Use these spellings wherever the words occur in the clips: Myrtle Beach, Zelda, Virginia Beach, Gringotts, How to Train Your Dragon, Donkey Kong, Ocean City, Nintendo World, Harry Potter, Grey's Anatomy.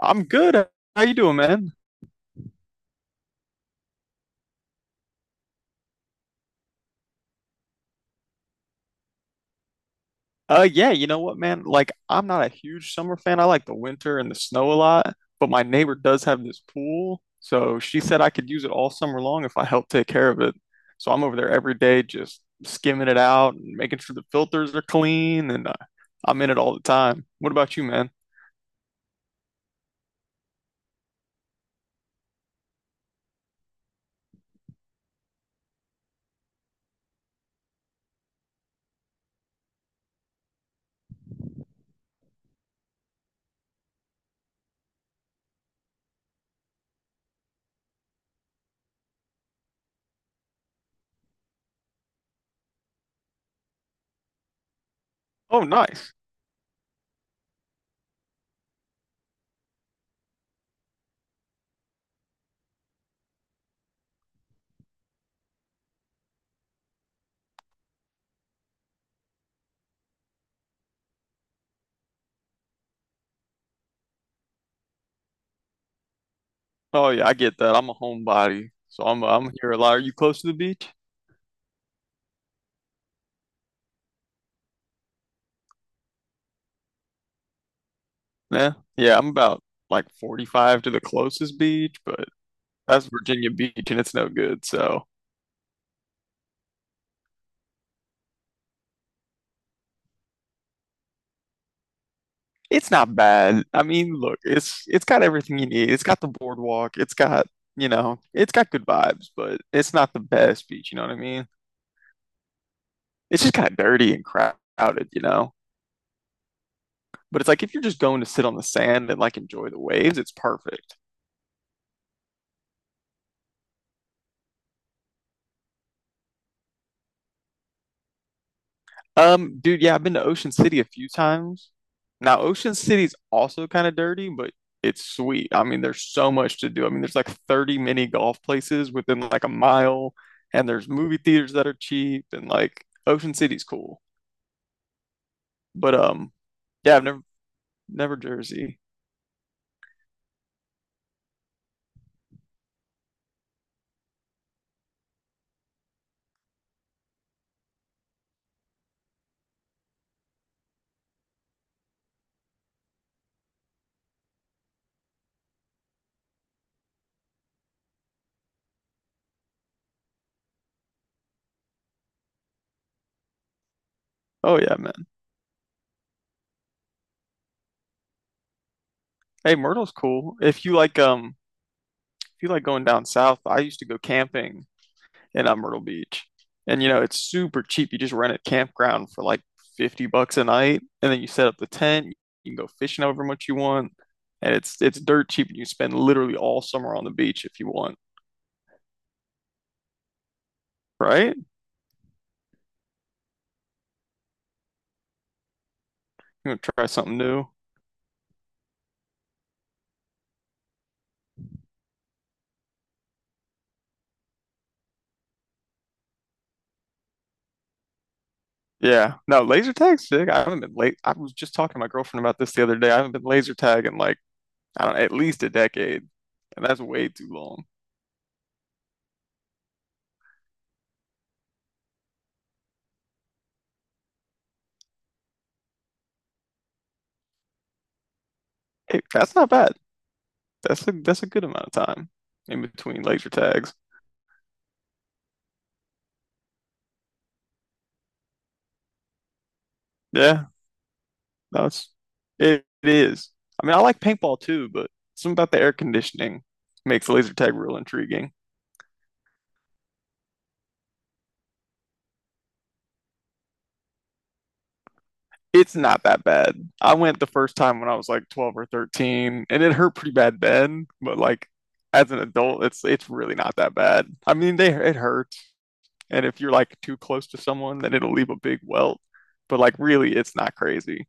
I'm good. How you doing, man? Yeah, you know what, man? Like, I'm not a huge summer fan. I like the winter and the snow a lot, but my neighbor does have this pool, so she said I could use it all summer long if I help take care of it. So I'm over there every day just skimming it out and making sure the filters are clean, and I'm in it all the time. What about you, man? Oh, nice. Oh yeah, I get that. I'm a homebody, so I'm here a lot. Are you close to the beach? Yeah, yeah, I'm about like 45 to the closest beach, but that's Virginia Beach and it's no good. So it's not bad. I mean, look, it's got everything you need. It's got the boardwalk. It's got, you know, it's got good vibes, but it's not the best beach, you know what I mean? It's just kind of dirty and crowded, you know? But it's like if you're just going to sit on the sand and like enjoy the waves, it's perfect. Dude, yeah, I've been to Ocean City a few times. Now, Ocean City's also kind of dirty, but it's sweet. I mean, there's so much to do. I mean, there's like 30 mini golf places within like a mile, and there's movie theaters that are cheap, and like Ocean City's cool. But yeah, I've never Jersey. Oh yeah, man. Hey, Myrtle's cool. If you like going down south, I used to go camping in Myrtle Beach. And you know, it's super cheap. You just rent a campground for like $50 a night, and then you set up the tent. You can go fishing however much you want, and it's dirt cheap, and you spend literally all summer on the beach if you want, right? You want to try something new? Yeah. No, laser tag's sick. I haven't been late. I was just talking to my girlfriend about this the other day. I haven't been laser tag in like, I don't know, at least a decade, and that's way too long. Hey, that's not bad. That's a good amount of time in between laser tags. Yeah. No, it's it is. I mean, I like paintball too, but something about the air conditioning makes laser tag real intriguing. It's not that bad. I went the first time when I was like 12 or 13, and it hurt pretty bad then, but like as an adult, it's really not that bad. I mean, they it hurts, and if you're like too close to someone, then it'll leave a big welt. But like really, it's not crazy.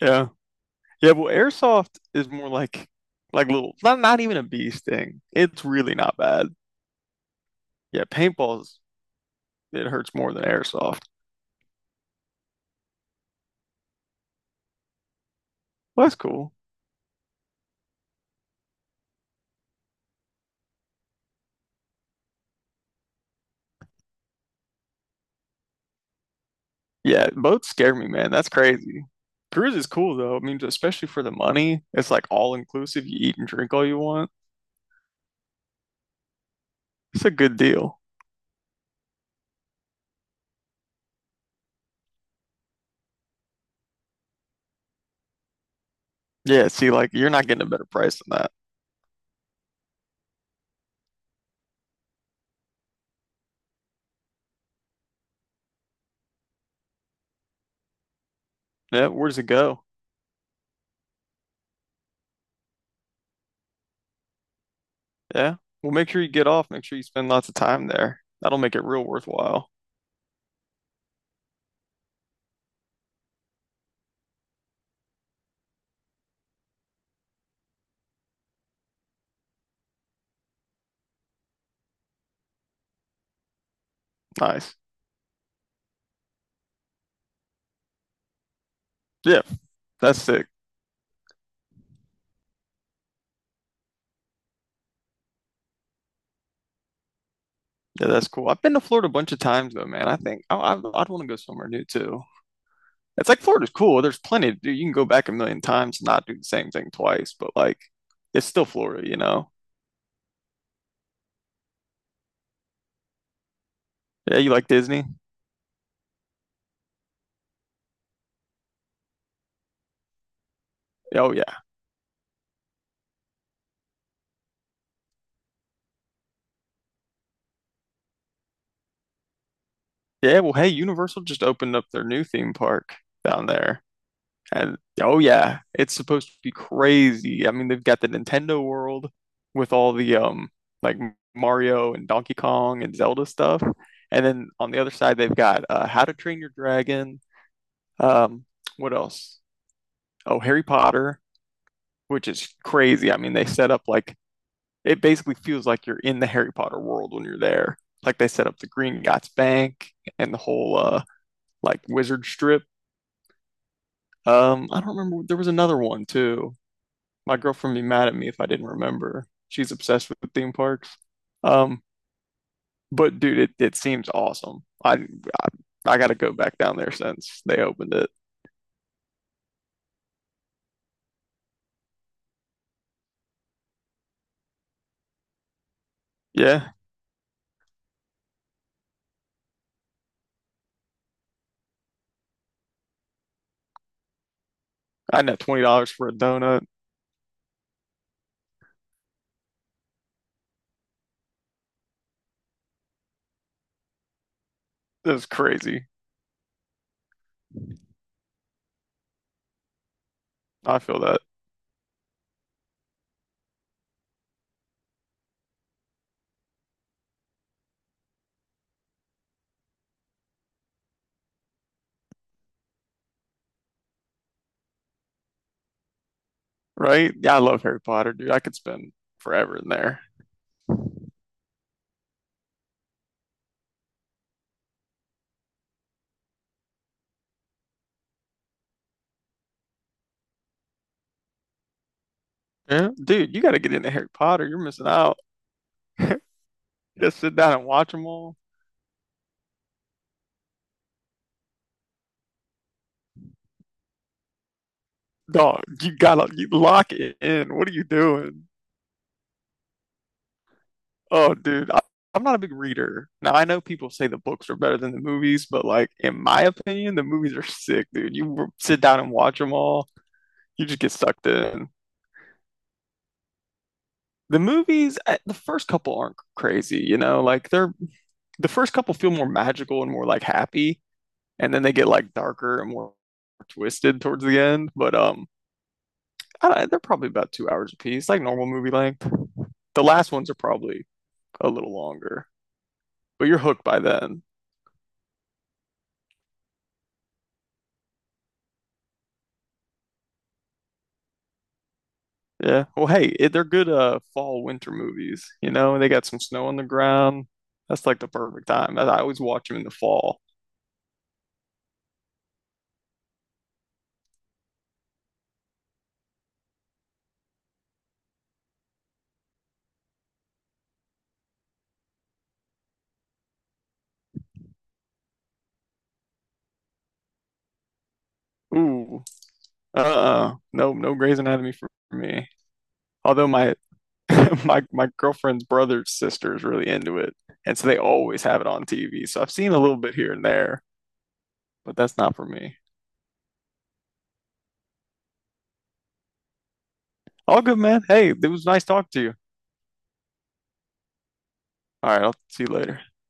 Yeah. Yeah, well, airsoft is more like little not even a bee sting. It's really not bad. Yeah, paintballs it hurts more than airsoft. Well, that's cool. Yeah, boats scare me, man. That's crazy. Cruise is cool though. I mean, especially for the money, it's like all inclusive. You eat and drink all you want. It's a good deal. Yeah, see, like you're not getting a better price than that. Yeah, where does it go? Yeah. Well, make sure you get off. Make sure you spend lots of time there. That'll make it real worthwhile. Nice. Yeah, that's sick. Yeah, that's cool. I've been to Florida a bunch of times though, man. I think I'd want to go somewhere new too. It's like Florida's cool. There's plenty to do. You can go back a million times and not do the same thing twice, but like it's still Florida, you know? Yeah, you like Disney? Oh yeah. Yeah, well hey, Universal just opened up their new theme park down there. And oh yeah, it's supposed to be crazy. I mean, they've got the Nintendo World with all the like Mario and Donkey Kong and Zelda stuff. And then on the other side they've got How to Train Your Dragon. Um what else? Oh, Harry Potter, which is crazy. I mean, they set up like it basically feels like you're in the Harry Potter world when you're there. Like they set up the Green Gots Bank and the whole like wizard strip. I don't remember. There was another one too. My girlfriend would be mad at me if I didn't remember. She's obsessed with theme parks. Um, but dude, it seems awesome. I I gotta go back down there since they opened it. Yeah, I net $20 for a donut. That's crazy. I feel that. Right? Yeah, I love Harry Potter, dude. I could spend forever in there. Yeah. Dude, you got to get into Harry Potter. You're missing out. Just sit down and watch them all. Dog, you gotta you lock it in. What are you doing? Oh, dude, I'm not a big reader. Now, I know people say the books are better than the movies, but like in my opinion, the movies are sick, dude. Sit down and watch them all. You just get sucked in. The movies, the first couple aren't crazy, you know, like the first couple feel more magical and more like happy, and then they get like darker and more twisted towards the end. But I don't, they're probably about 2 hours a piece, like normal movie length. The last ones are probably a little longer, but you're hooked by then. Yeah. Well, hey, it, they're good fall winter movies. You know, they got some snow on the ground. That's like the perfect time. I always watch them in the fall. Ooh, uh-uh. No, no Grey's Anatomy for me. Although my my girlfriend's brother's sister is really into it, and so they always have it on TV. So I've seen a little bit here and there, but that's not for me. All good, man. Hey, it was nice talking to you. All right, I'll see you later.